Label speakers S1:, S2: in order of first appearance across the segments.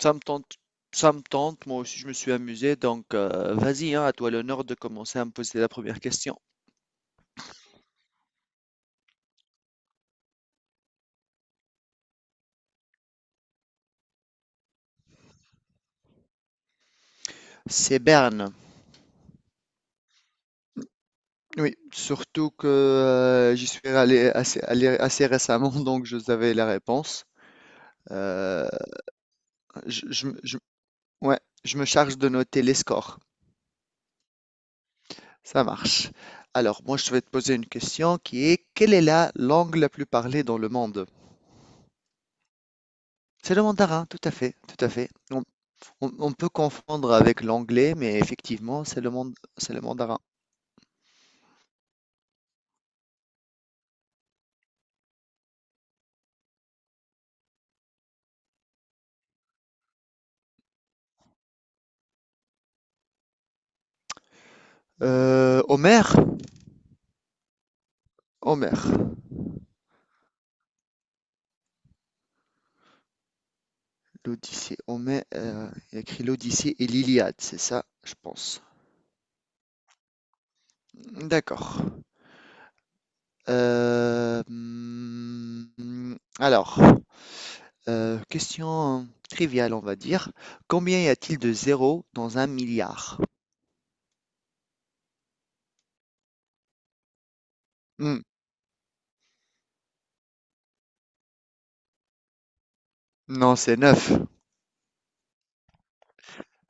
S1: Ça me tente, ça me tente. Moi aussi, je me suis amusé. Donc, vas-y, hein, à toi l'honneur de commencer à me poser la première question. C'est Berne. Oui, surtout que j'y suis allé assez récemment, donc je savais la réponse. Euh, je, je me- je- ouais, je me charge de noter les scores. Ça marche. Alors, moi, je vais te poser une question qui est, quelle est la langue la plus parlée dans le monde? C'est le mandarin, tout à fait, tout à fait. On peut confondre avec l'anglais, mais effectivement, c'est le mandarin. Homère, Homère, l'Odyssée. Homère, il a écrit l'Odyssée et l'Iliade, c'est ça, je pense. D'accord. Alors, question triviale, on va dire. Combien y a-t-il de zéros dans un milliard? Hmm, non, c'est 9.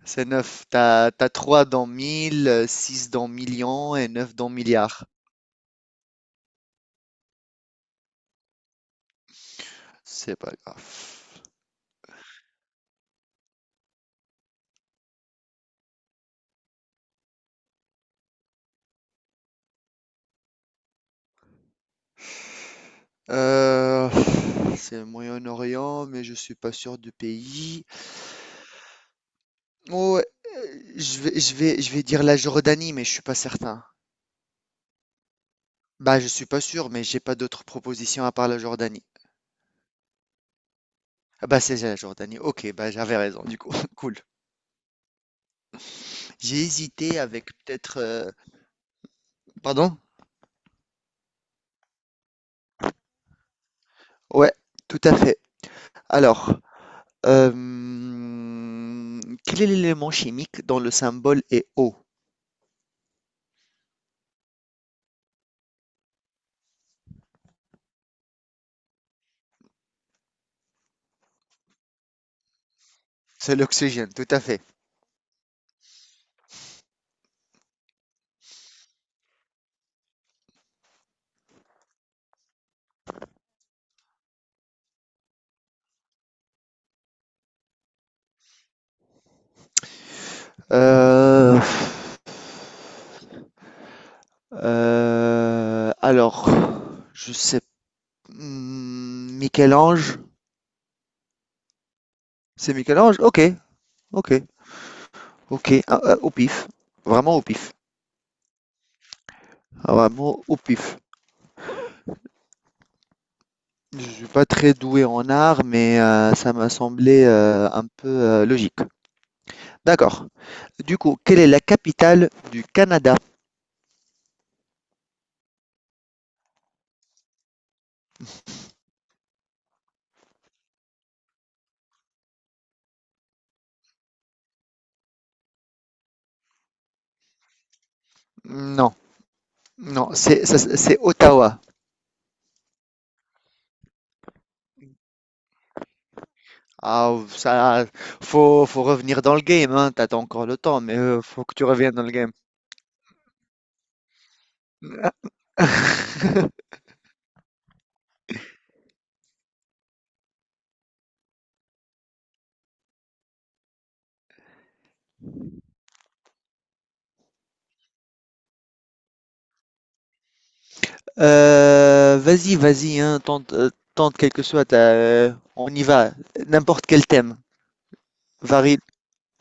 S1: C'est neuf. T'as 3 dans 1000, 6 dans millions et neuf dans milliards. C'est pas grave. Euh, c'est le Moyen-Orient, mais je suis pas sûr du pays. Oh, je vais dire la Jordanie, mais je suis pas certain. Bah, je suis pas sûr, mais j'ai pas d'autres propositions à part la Jordanie. Ah bah, c'est la Jordanie. Ok, bah j'avais raison, du coup. Cool. J'ai hésité avec peut-être. Pardon? Ouais, tout à fait. Alors, euh, quel est l'élément chimique dont le symbole est O? C'est l'oxygène, tout à fait. Euh, alors, je sais, mmh, Michel-Ange? C'est Michel-Ange? OK, OK, OK, ah, ah, au pif, vraiment au pif. Ah, vraiment au pif. Je suis pas très doué en art, mais ça m'a semblé, un peu, logique. D'accord. Du coup, quelle est la capitale du Canada? Non, non, c'est ça, c'est Ottawa. Ah ça, faut revenir dans le game, hein, tu as encore le temps, mais faut que tu reviennes dans le game. Vas-y, vas-y, hein, tente quelle que soit ta. On y va. N'importe quel thème. Varie.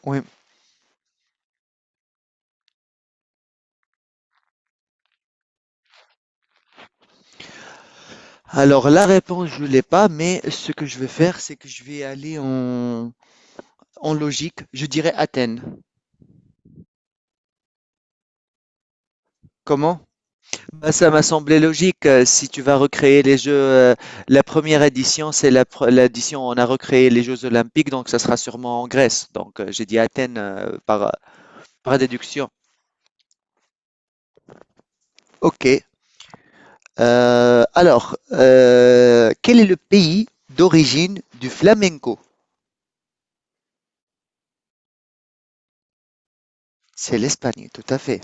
S1: Oui. Alors, la réponse, je l'ai pas, mais ce que je vais faire, c'est que je vais aller en logique. Je dirais Athènes. Comment? Bah, ça m'a semblé logique. Si tu vas recréer les Jeux, la première édition, c'est l'édition où on a recréé les Jeux Olympiques, donc ça sera sûrement en Grèce. Donc, j'ai dit Athènes, par déduction. Ok. Alors, quel est le pays d'origine du flamenco? C'est l'Espagne, tout à fait.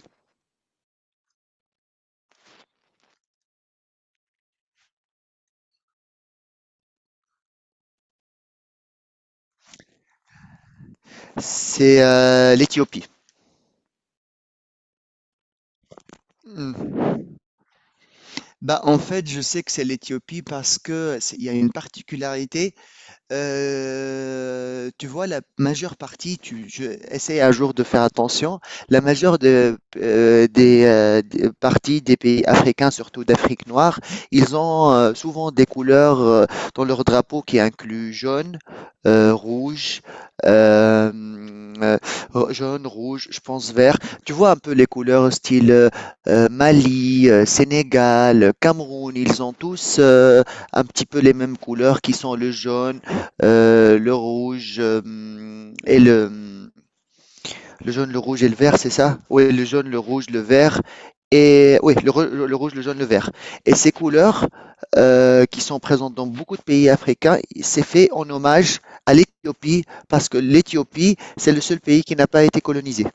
S1: C'est l'Éthiopie. Hmm. Bah, en fait, je sais que c'est l'Éthiopie parce que il y a une particularité. Tu vois, la majeure partie, tu je essaie un jour de faire attention. La majeure des parties des pays africains, surtout d'Afrique noire, ils ont, souvent des couleurs, dans leur drapeau qui incluent jaune, rouge, hem, heu, jaune, rouge, je pense vert. Tu vois un peu les couleurs style, Mali, Sénégal, Cameroun, ils ont tous, un petit peu les mêmes couleurs qui sont le jaune, le rouge et le jaune, le rouge et le vert, c'est ça. Oui, le jaune, le rouge, le vert. Et oui, le rouge, le jaune, le vert. Et ces couleurs qui sont présentes dans beaucoup de pays africains, c'est fait en hommage à l'Éthiopie parce que l'Éthiopie, c'est le seul pays qui n'a pas été colonisé.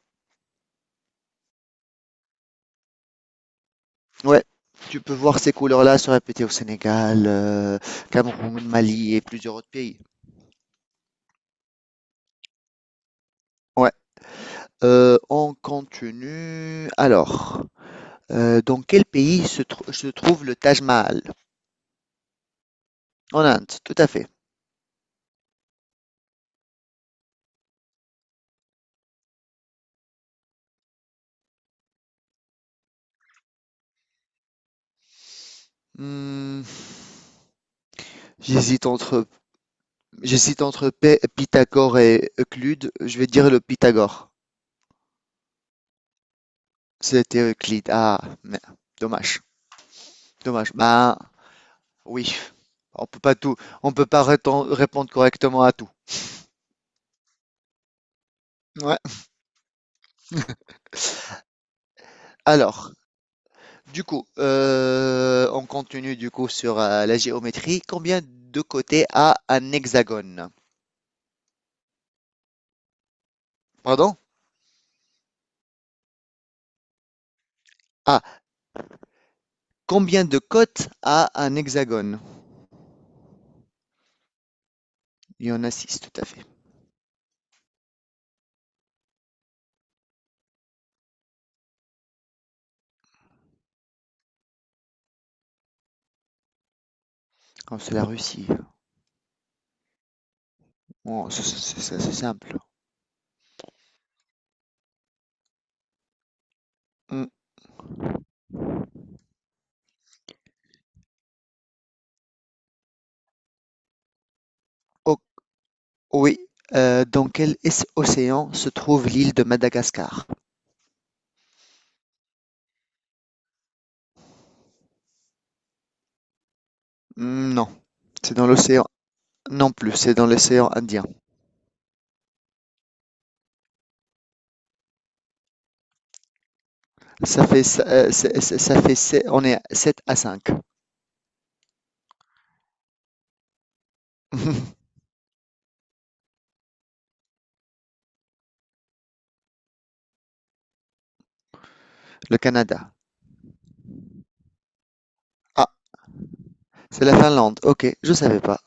S1: Ouais. Tu peux voir ces couleurs-là se répéter au Sénégal, Cameroun, Mali et plusieurs autres pays. Ouais. On continue. Alors, dans quel pays se trouve le Taj Mahal? En Inde, tout à fait. Hmm, j'hésite entre, j'hésite entre Pythagore et Euclide. Je vais dire le Pythagore. C'était Euclide. Ah, dommage. Dommage. Bah, oui. On peut pas tout, on peut pas répondre correctement à tout. Ouais. Alors, du coup, on continue du coup sur la géométrie. Combien de côtés a un hexagone? Pardon? Ah, combien de côtes a un hexagone? Il y en a six, tout à fait. Comme c'est la Russie. Bon, c'est simple. Hmm, o- oui. Dans quel océan se trouve l'île de Madagascar? Hmm, Non, c'est dans l'océan. Non plus, c'est dans l'océan Indien. Ça fait, s- c'est- On est à 7 à 5. Le Canada. Ah, c'est la Finlande. Ok, je savais pas.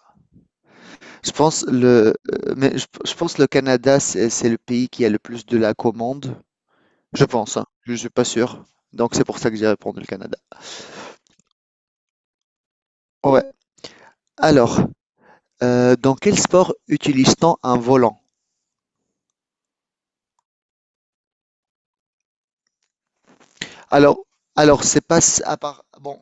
S1: Je pense le Canada, c'est le pays qui a le plus de la commande. Je pense, hein. Je suis pas sûr. Donc c'est pour ça que j'ai répondu le Canada. Ouais. Alors, dans quel sport utilise-t-on un volant? Alors alors c'est pas à part bon,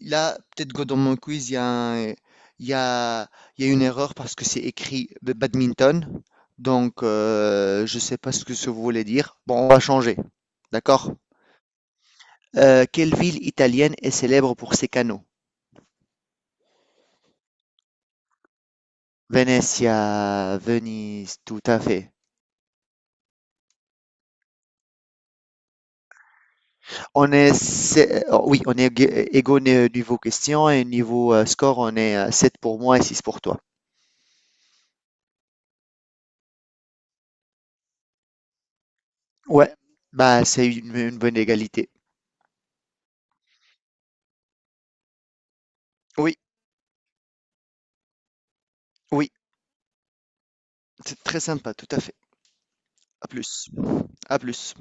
S1: là, peut-être que dans mon quiz, il y a un il y a il y a une erreur parce que c'est écrit b badminton, donc je sais pas ce que ça voulait dire. Bon, on va changer, d'accord? Quelle ville italienne est célèbre pour ses canaux? Venezia, Venise, tout à fait. On est, on est égaux niveau question et niveau score, on est 7 pour moi et six pour toi. Ouais, bah c'est une bonne égalité. Oui, oui, c'est très sympa, tout à fait. À plus. À plus.